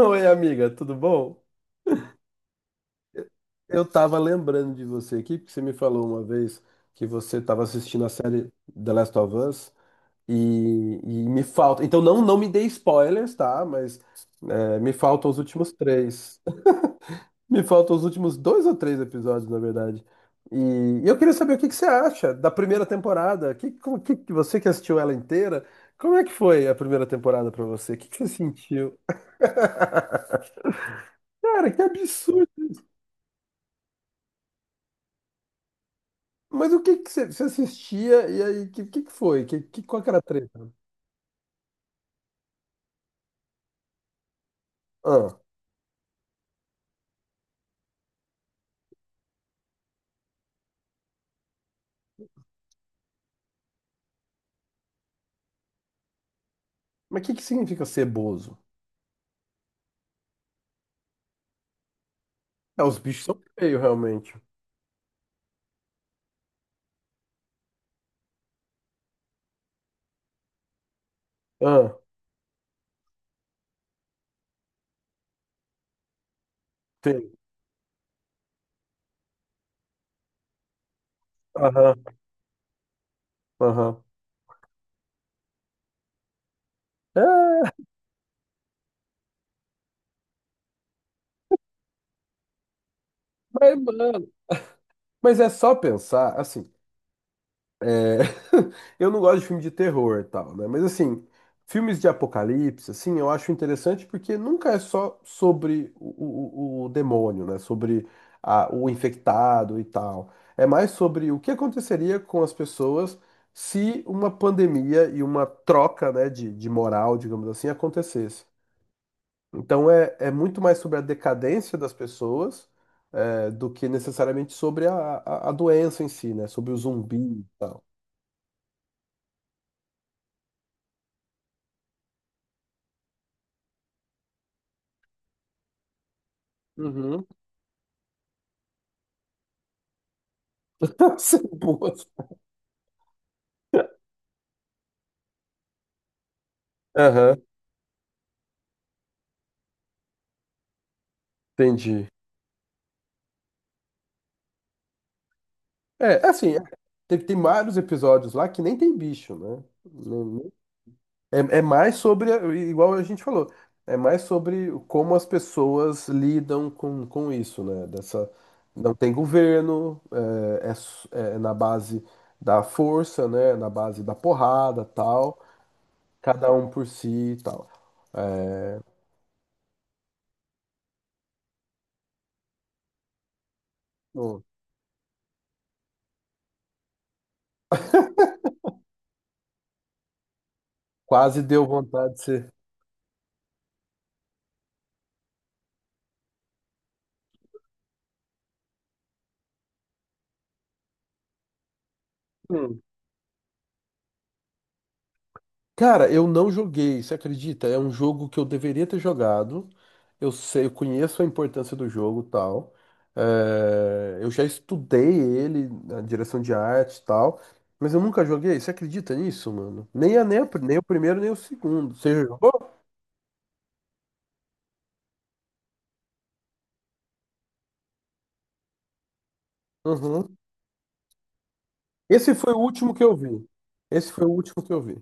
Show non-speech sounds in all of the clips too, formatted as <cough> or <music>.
Oi, amiga, tudo bom? Eu tava lembrando de você aqui, porque você me falou uma vez que você tava assistindo a série The Last of Us e me falta. Então não me dê spoilers, tá? Mas me faltam os últimos três. <laughs> Me faltam os últimos dois ou três episódios, na verdade. E, eu queria saber o que que você acha da primeira temporada. Que você que assistiu ela inteira, como é que foi a primeira temporada pra você? O que que você sentiu? <laughs> Cara, que absurdo! Mas o que que você assistia e aí, o que, que foi? Qual que era a treta? Ah, mas o que que significa ser bozo? É, os bichos são feios, realmente. Ah, tem. Aham, aham. É, mas, mano, mas é só pensar, assim. É. <laughs> Eu não gosto de filme de terror e tal, né? Mas assim, filmes de apocalipse, assim, eu acho interessante porque nunca é só sobre o demônio, né? Sobre o infectado e tal. É mais sobre o que aconteceria com as pessoas se uma pandemia e uma troca, né, de moral, digamos assim, acontecesse. Então é muito mais sobre a decadência das pessoas, do que necessariamente sobre a doença em si, né? Sobre o zumbi. Uhum. <laughs> Ceboso. Aham, entendi. É, é assim, é, tem, tem vários episódios lá que nem tem bicho, né? É, é mais sobre, igual a gente falou, é mais sobre como as pessoas lidam com isso, né? Dessa, não tem governo, é na base da força, né? Na base da porrada, tal. Cada um por si e tal. Pô, quase deu vontade de ser. Hum. Cara, eu não joguei, você acredita? É um jogo que eu deveria ter jogado. Eu sei, eu conheço a importância do jogo, e tal. É, eu já estudei ele, a direção de arte, e tal, mas eu nunca joguei. Você acredita nisso, mano? Nem o primeiro nem o segundo. Você já jogou? Uhum. Esse foi o último que eu vi. Esse foi o último que eu vi.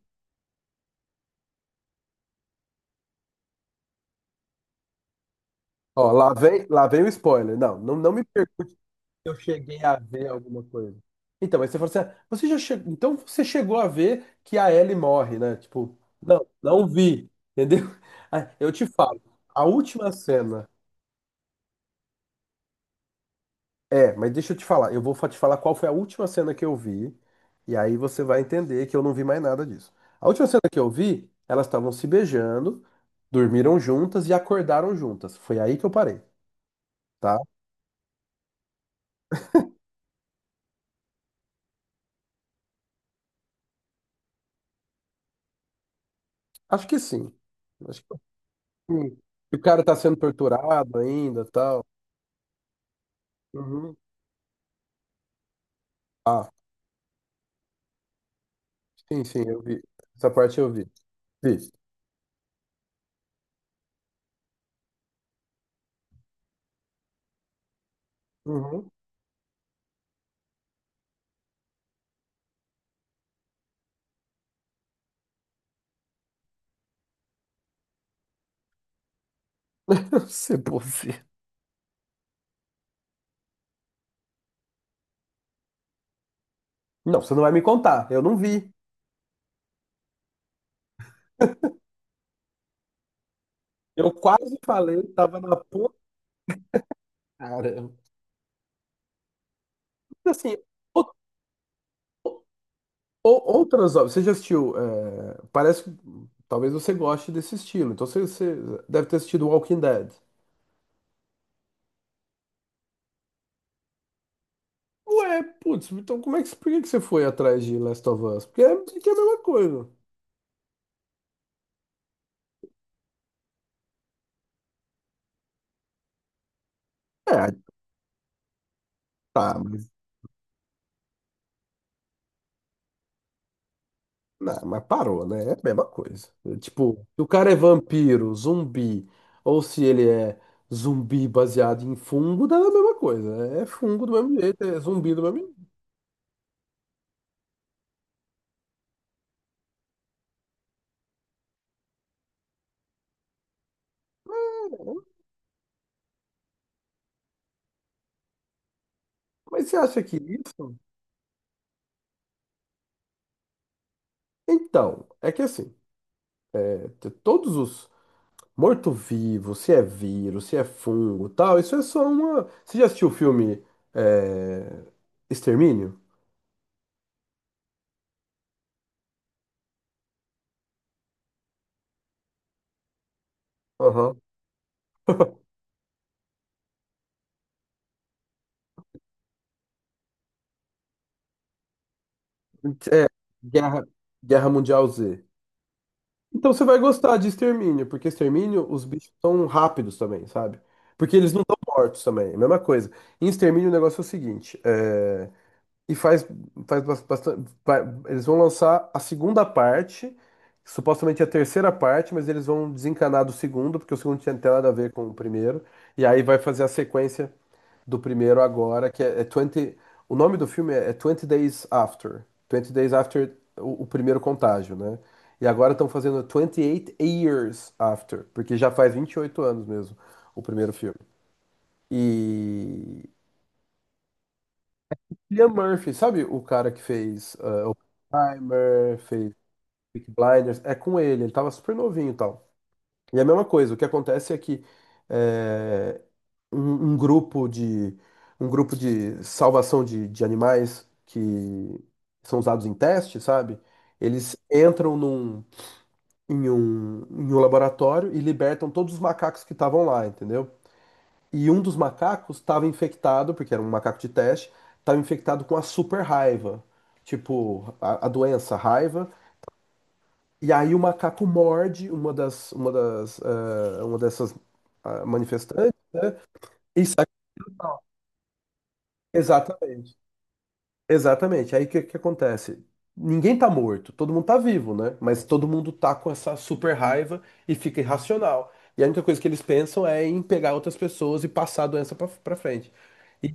Ó, lá vem o spoiler. Não me. Eu cheguei a ver alguma coisa. Então, mas você falou assim, ah, você já chegou, então você chegou a ver que a Ellie morre, né? Tipo, não, não vi, <laughs> entendeu? Ah, eu te falo, a última cena. É, mas deixa eu te falar, eu vou te falar qual foi a última cena que eu vi, e aí você vai entender que eu não vi mais nada disso. A última cena que eu vi, elas estavam se beijando, dormiram juntas e acordaram juntas. Foi aí que eu parei, tá? Acho que sim. Acho que sim. E o cara tá sendo torturado ainda, tal. Uhum. Ah, sim, sim, eu vi. Essa parte eu vi. Vi. Uhum. <laughs> Ser você. Não, você não vai me contar. Eu não vi. Eu quase falei, tava na ponta. Caramba. Assim, ou- outras obras. Você já assistiu? É, parece que talvez você goste desse estilo. Então você deve ter assistido Walking Dead. Ué, putz, então como é que, por que que você foi atrás de Last of Us? Porque é a mesma coisa. É, tá. Não, mas parou, né? É a mesma coisa. É, tipo, se o cara é vampiro, zumbi, ou se ele é zumbi baseado em fungo, dá a mesma coisa. É fungo do mesmo jeito, é zumbi do mesmo jeito. É. Mas você acha que isso? Então, é que assim, todos os morto-vivos, se é vírus, se é fungo, tal, isso é só uma. Você já assistiu o filme é, Extermínio? Aham. <laughs> É, Guerra, Guerra Mundial Z. Então você vai gostar de Extermínio, porque Extermínio os bichos são rápidos também, sabe? Porque eles não estão mortos também, é a mesma coisa. Em Extermínio o negócio é o seguinte, e faz, faz bastante, eles vão lançar a segunda parte, supostamente a terceira parte, mas eles vão desencanar do segundo, porque o segundo não tinha nada a ver com o primeiro, e aí vai fazer a sequência do primeiro agora, que é 20. O nome do filme é 20 Days After. 20 Days After o primeiro contágio, né? E agora estão fazendo 28 Years After, porque já faz 28 anos mesmo o primeiro filme. E. Cillian Murphy, sabe o cara que fez Primer, fez Peaky Blinders? É com ele, ele tava super novinho e tal. E é a mesma coisa, o que acontece é que. Eh, um, um grupo de salvação de animais que são usados em teste, sabe? Eles entram em um em um, laboratório e libertam todos os macacos que estavam lá, entendeu? E um dos macacos estava infectado, porque era um macaco de teste, estava infectado com a super raiva, tipo a doença, a raiva. E aí o macaco morde uma das uma dessas ah, manifestantes, né? E sai exatamente. Exatamente. Aí o que, que acontece? Ninguém tá morto, todo mundo tá vivo, né? Mas todo mundo tá com essa super raiva e fica irracional. E a única coisa que eles pensam é em pegar outras pessoas e passar a doença pra frente. E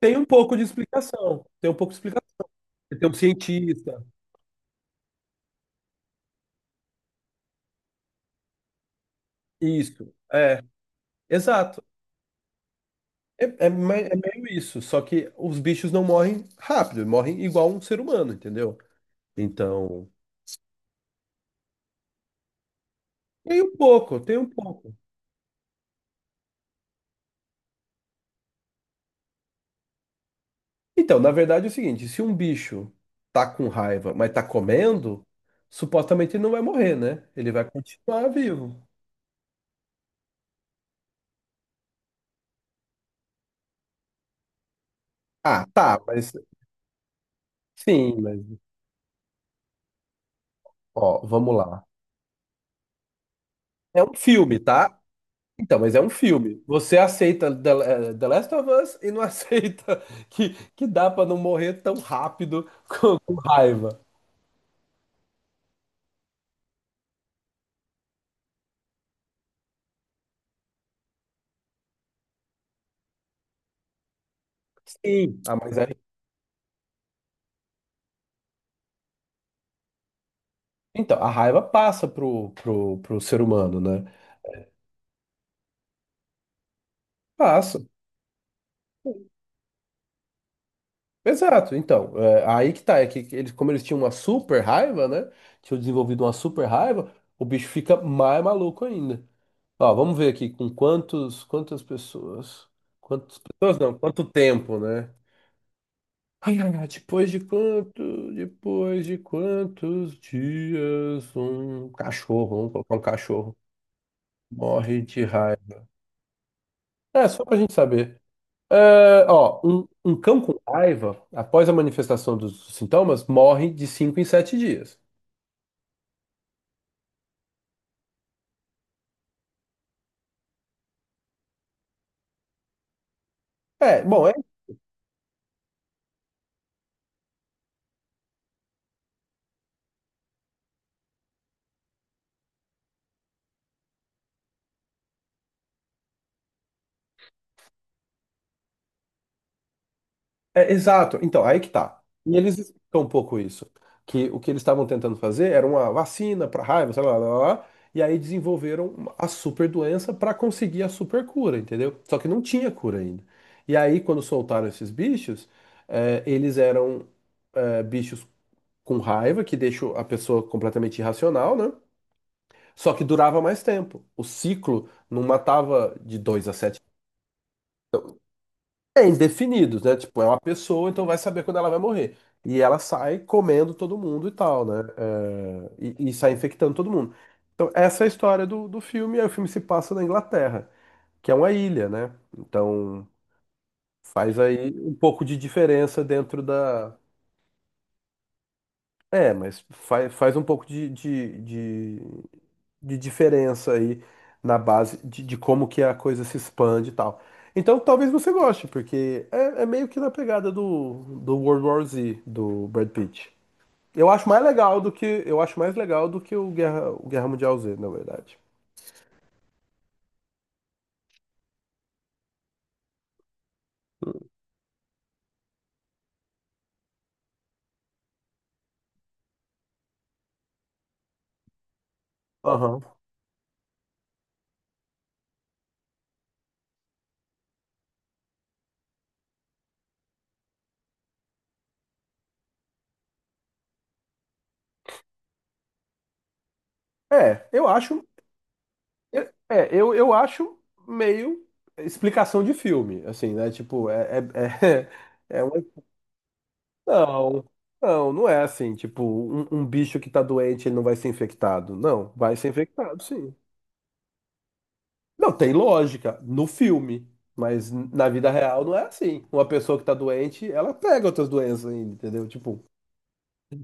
tem um pouco de explicação. Tem um pouco de explicação. Tem um cientista. Isso. É, exato. É, é meio isso. Só que os bichos não morrem rápido, morrem igual um ser humano, entendeu? Então, tem um pouco, tem um pouco. Então, na verdade é o seguinte, se um bicho tá com raiva, mas tá comendo, supostamente ele não vai morrer, né? Ele vai continuar vivo. Ah, tá, mas sim, mas ó, vamos lá. É um filme, tá? Então, mas é um filme. Você aceita The Last of Us e não <laughs> aceita que dá pra não morrer tão rápido <laughs> com raiva. Sim. Ah, mas aí, então, a raiva passa pro ser humano, né? Passa. Exato, então, aí que tá, é que eles, como eles tinham uma super raiva, né? Tinham desenvolvido uma super raiva, o bicho fica mais maluco ainda. Ó, vamos ver aqui com quantas pessoas. Quantas pessoas não, quanto tempo, né? Ai, ai, ai, depois de quanto, depois de quantos dias um cachorro, vamos colocar um cachorro, morre de raiva. É, só pra gente saber. É, ó, um cão com raiva, após a manifestação dos sintomas, morre de 5 em 7 dias. É, bom, é, é exato. Então, aí que tá. E eles explicam um pouco isso. Que o que eles estavam tentando fazer era uma vacina para raiva, sei lá, lá, lá, lá, e aí desenvolveram a super doença para conseguir a super cura, entendeu? Só que não tinha cura ainda. E aí, quando soltaram esses bichos, eles eram, bichos com raiva, que deixam a pessoa completamente irracional, né? Só que durava mais tempo. O ciclo não matava de 2 a 7. É indefinido, né? Tipo, é uma pessoa, então vai saber quando ela vai morrer. E ela sai comendo todo mundo e tal, né? E sai infectando todo mundo. Então, essa é a história do, do filme. Aí o filme se passa na Inglaterra, que é uma ilha, né? Então, faz aí um pouco de diferença dentro da. É, mas faz, faz um pouco de de diferença aí na base de como que a coisa se expande e tal. Então talvez você goste, porque é meio que na pegada do World War Z, do Brad Pitt. Eu acho mais legal do que eu acho mais legal do que o Guerra Mundial Z, na verdade. Aham. É, eu acho eu- é, eu acho meio explicação de filme, assim, né? Tipo, é, <laughs> é uma. Não, não, não é assim. Tipo, um bicho que tá doente, ele não vai ser infectado. Não, vai ser infectado, sim. Não, tem lógica no filme, mas na vida real não é assim. Uma pessoa que tá doente, ela pega outras doenças ainda, entendeu? Tipo,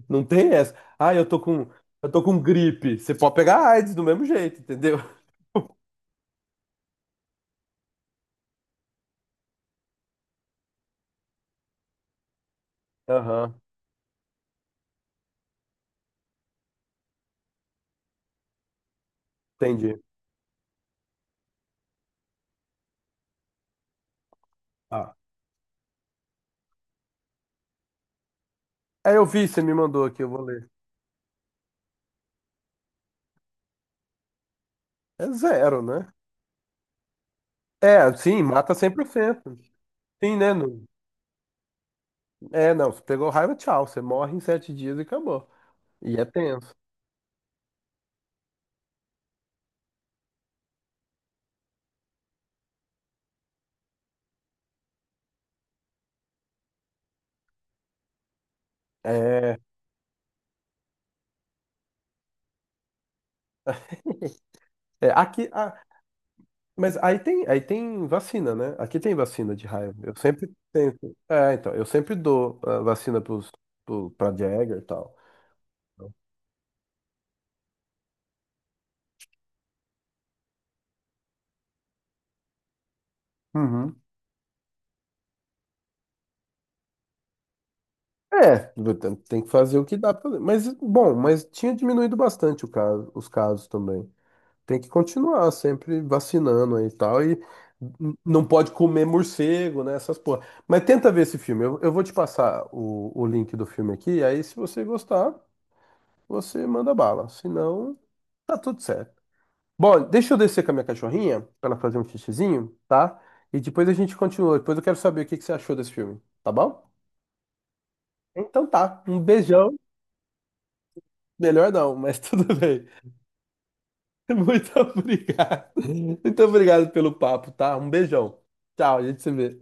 não tem essa. Ah, eu tô com gripe. Você pode pegar AIDS do mesmo jeito, entendeu? Aham, entendi. Ah. É, eu vi, você me mandou aqui, eu vou ler. É zero, né? É, sim, mata 100%. Sim, né? Não. É, não, você pegou raiva, tchau. Você morre em 7 dias e acabou. E é tenso. É, aqui, ah, mas aí tem vacina, né? Aqui tem vacina de raiva. Eu sempre tento. É, então, eu sempre dou ah, vacina pra Jagger e tal. Uhum. É, tem tem que fazer o que dá pra fazer. Mas, bom, mas tinha diminuído bastante o caso, os casos também. Tem que continuar sempre vacinando aí e tal. E não pode comer morcego, né? Essas porra. Mas tenta ver esse filme. Eu vou te passar o link do filme aqui. Aí, se você gostar, você manda bala. Se não, tá tudo certo. Bom, deixa eu descer com a minha cachorrinha pra ela fazer um xixizinho, tá? E depois a gente continua. Depois eu quero saber o que que você achou desse filme, tá bom? Então tá. Um beijão. Melhor não, mas <laughs> tudo bem. Muito <laughs> obrigado. Muito obrigado pelo papo, tá? Um beijão. Tchau, a gente se vê.